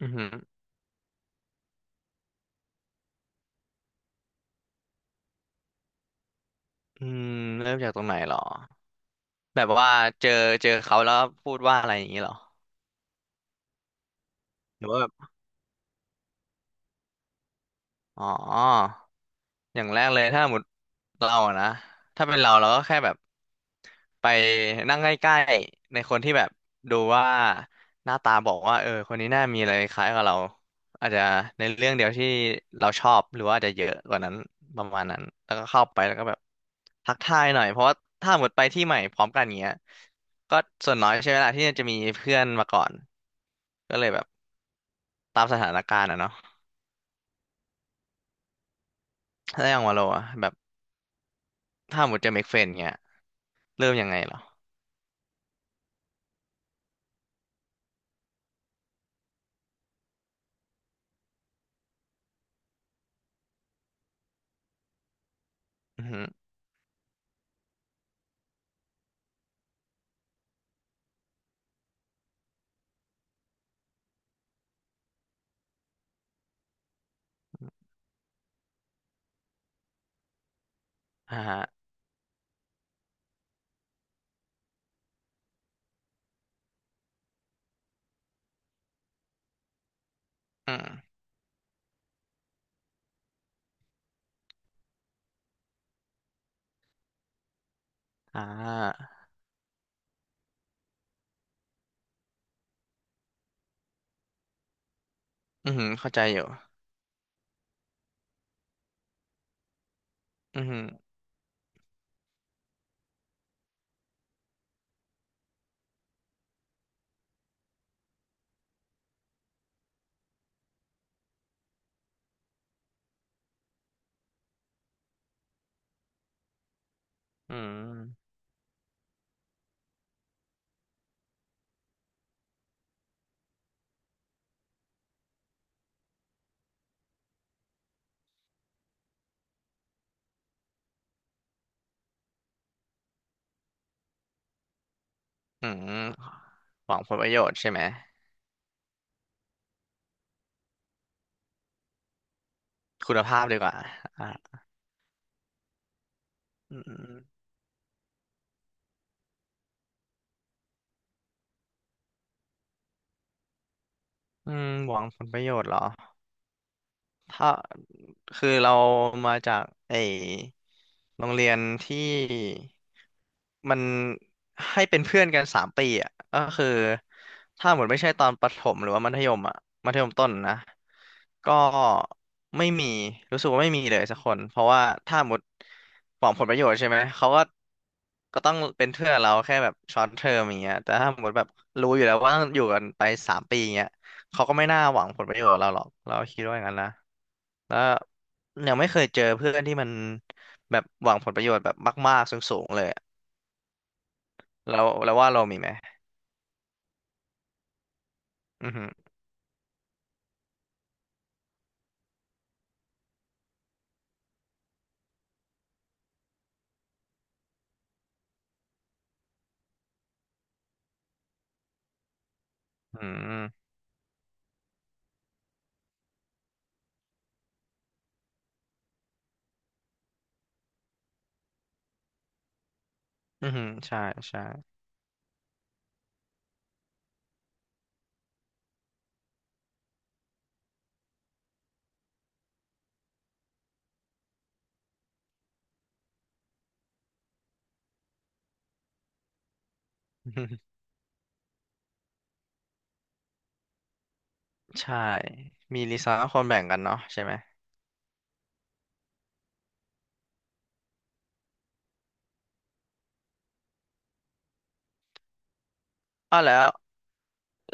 อือหืออืม เริ่มจากตรงไหนเหรอ แบบว่าเจอเจอเขาแล้วพูดว่าอะไรอย่างนี้เหรอ หรือว่าแบบอ๋อ อย่างแรกเลยถ้าหมดเราอะนะถ้าเป็นเราเราก็แค่แบบไปนั่งใกล้ๆในคนที่แบบดูว่าหน้าตาบอกว่าเออคนนี้น่ามีอะไรคล้ายกับเราอาจจะในเรื่องเดียวที่เราชอบหรือว่าอาจจะเยอะกว่านั้นประมาณนั้นแล้วก็เข้าไปแล้วก็แบบทักทายหน่อยเพราะว่าถ้าหมดไปที่ใหม่พร้อมกันเงี้ยก็ส่วนน้อยใช่ไหมล่ะที่จะมีเพื่อนมาก่อนก็เลยแบบตามสถานการณ์อะเนาะถ้าอย่างวาโลอะแบบถ้าหมดจะเมคเฟรนเงี้ยเริ่มยังไงเหรอ อือหืออ่าฮะอืมอ่าอือหือเข้าใจอยู่อือหืออืมอืมหวังผลประโยชน์ใช่ไหม คุณภาพดีกว่าอ่าอืมอืมหวังผลประโยชน์เหรอ ถ้าคือเรามาจากไอโรงเรียนที่มันให้เป็นเพื่อนกันสามปีอ่ะก็คือถ้าหมดไม่ใช่ตอนประถมหรือว่ามัธยมอ่ะมัธยมต้นนะก็ไม่มีรู้สึกว่าไม่มีเลยสักคนเพราะว่าถ้าหมดหวังผลประโยชน์ใช่ไหมเขาก็ก็ต้องเป็นเพื่อนเราแค่แบบช็อตเทอมอย่างเงี้ยแต่ถ้าหมดแบบรู้อยู่แล้วว่าต้องอยู่กันไปสามปีอย่างเงี้ยเขาก็ไม่น่าหวังผลประโยชน์เราหรอกเราคิดว่าอย่างนั้นนะ แล้วยังไม่เคยเจอเพื่อนที่มันแบบหวังผลประโยชน์แบบมากๆสูงๆเลยอะแล้วแล้วว่าเรามีไหมอือหืออืมอือหือใช่ใช่ อือหือใช่มีลีซ่าคนแบ่งกันเนาะใช่ไหมอ้าวแล้ว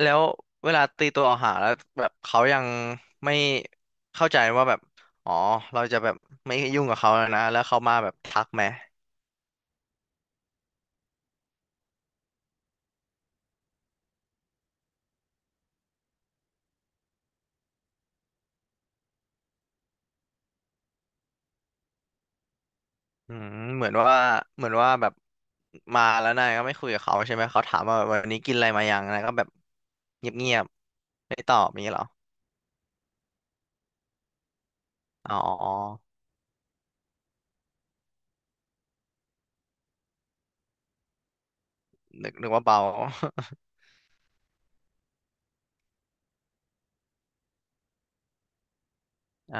แล้วเวลาตีตัวออกห่างแล้วแบบเขายังไม่เข้าใจว่าแบบอ๋อเราจะแบบไม่ยุ่งกับเขาแล้วนะแล้วเขามาแบบทักไหม อืมเหมือนว่าเหมือนว่าแบบมาแล้วนายก็ไม่คุยกับเขาใช่ไหมเขาถามว่าวันนี้กินอะไรมายังนายก็แบบเงียบๆไม่ตอบอย่างนี้เหรออ๋อนึกนึกว่าเบา อ่า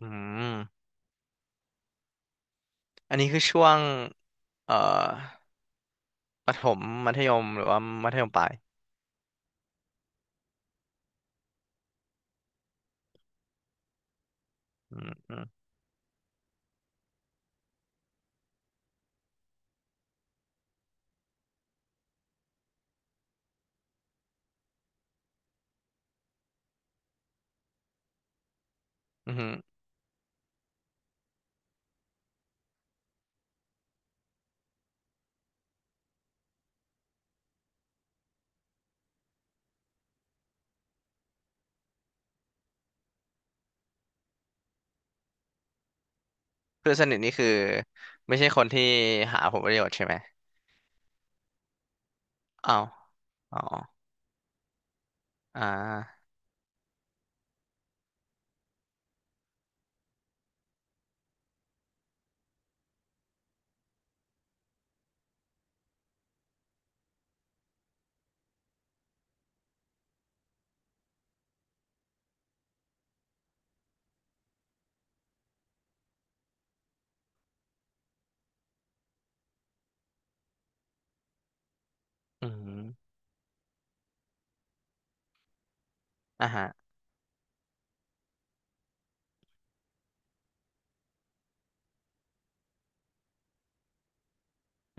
อืมอันนี้คือช่วงเอ่อประถมมัธยมหรือว่ามัธยมปลายอืมอืมอืมเพื่อนสนิทนี่คือไม่ใช่คนที่หาผลประโยชน์ใช่ไหมอ้าวอ๋ออ่าอืมอ่าฮะ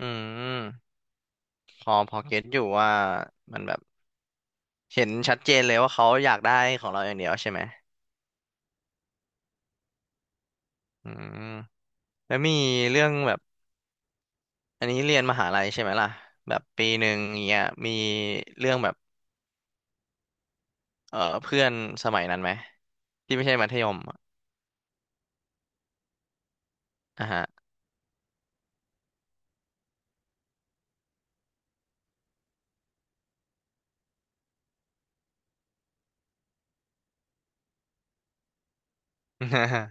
อืมพอพอเก็ตอยู่ว่ามันแบบ เห็นชัดเจนเลยว่าเขาอยากได้ของเราอย่างเดียวใช่ไหมอืมแล้วมีเรื่องแบบอันนี้เรียนมหาลัยใช่ไหมล่ะแบบปีหนึ่งอย่างเงี้ยมีเรื่องแบบเออเพื่อนสมัยนั้นไหมที่ไม่ใช่มัธยมอะอ่ะฮะ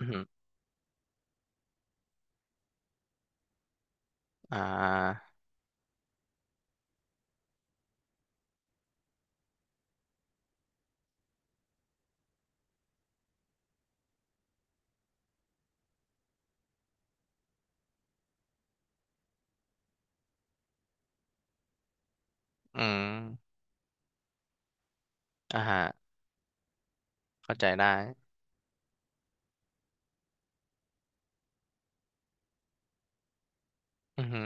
อืมอ่าอืมอ่าฮะเข้าใจได้อือฮึ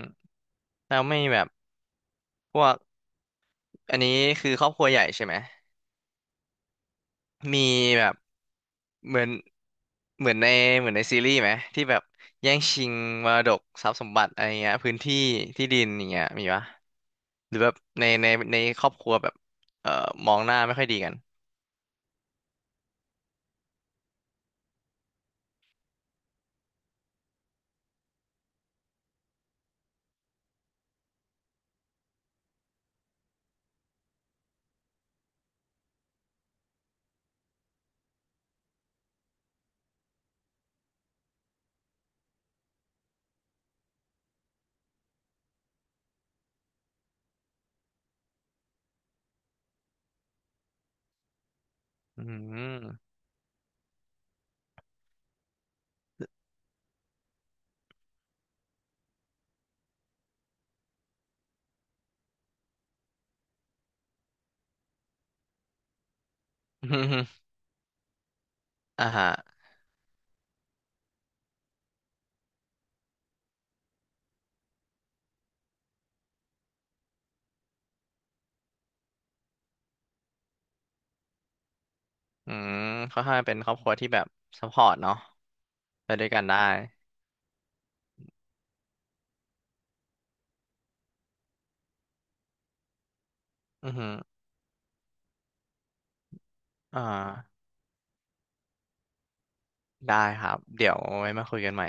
แล้วไม่แบบพวกอันนี้คือครอบครัวใหญ่ใช่ไหม มีแบบเหมือนเหมือนในเหมือนในซีรีส์ไหมที่แบบแย่งชิงมรดกทรัพย์สมบัติอะไรเงี้ยพื้นที่ที่ดินอย่างเงี้ยมีปะหรือแบบในครอบครัวแบบเอ่อมองหน้าไม่ค่อยดีกันอืม อ่าฮะอืมค่อนข้างเป็นครอบครัวที่แบบซัพพอร์ตเนาะไปด้วยกันได้อือฮึอ่าได้ครับเดี๋ยวไว้มาคุยกันใหม่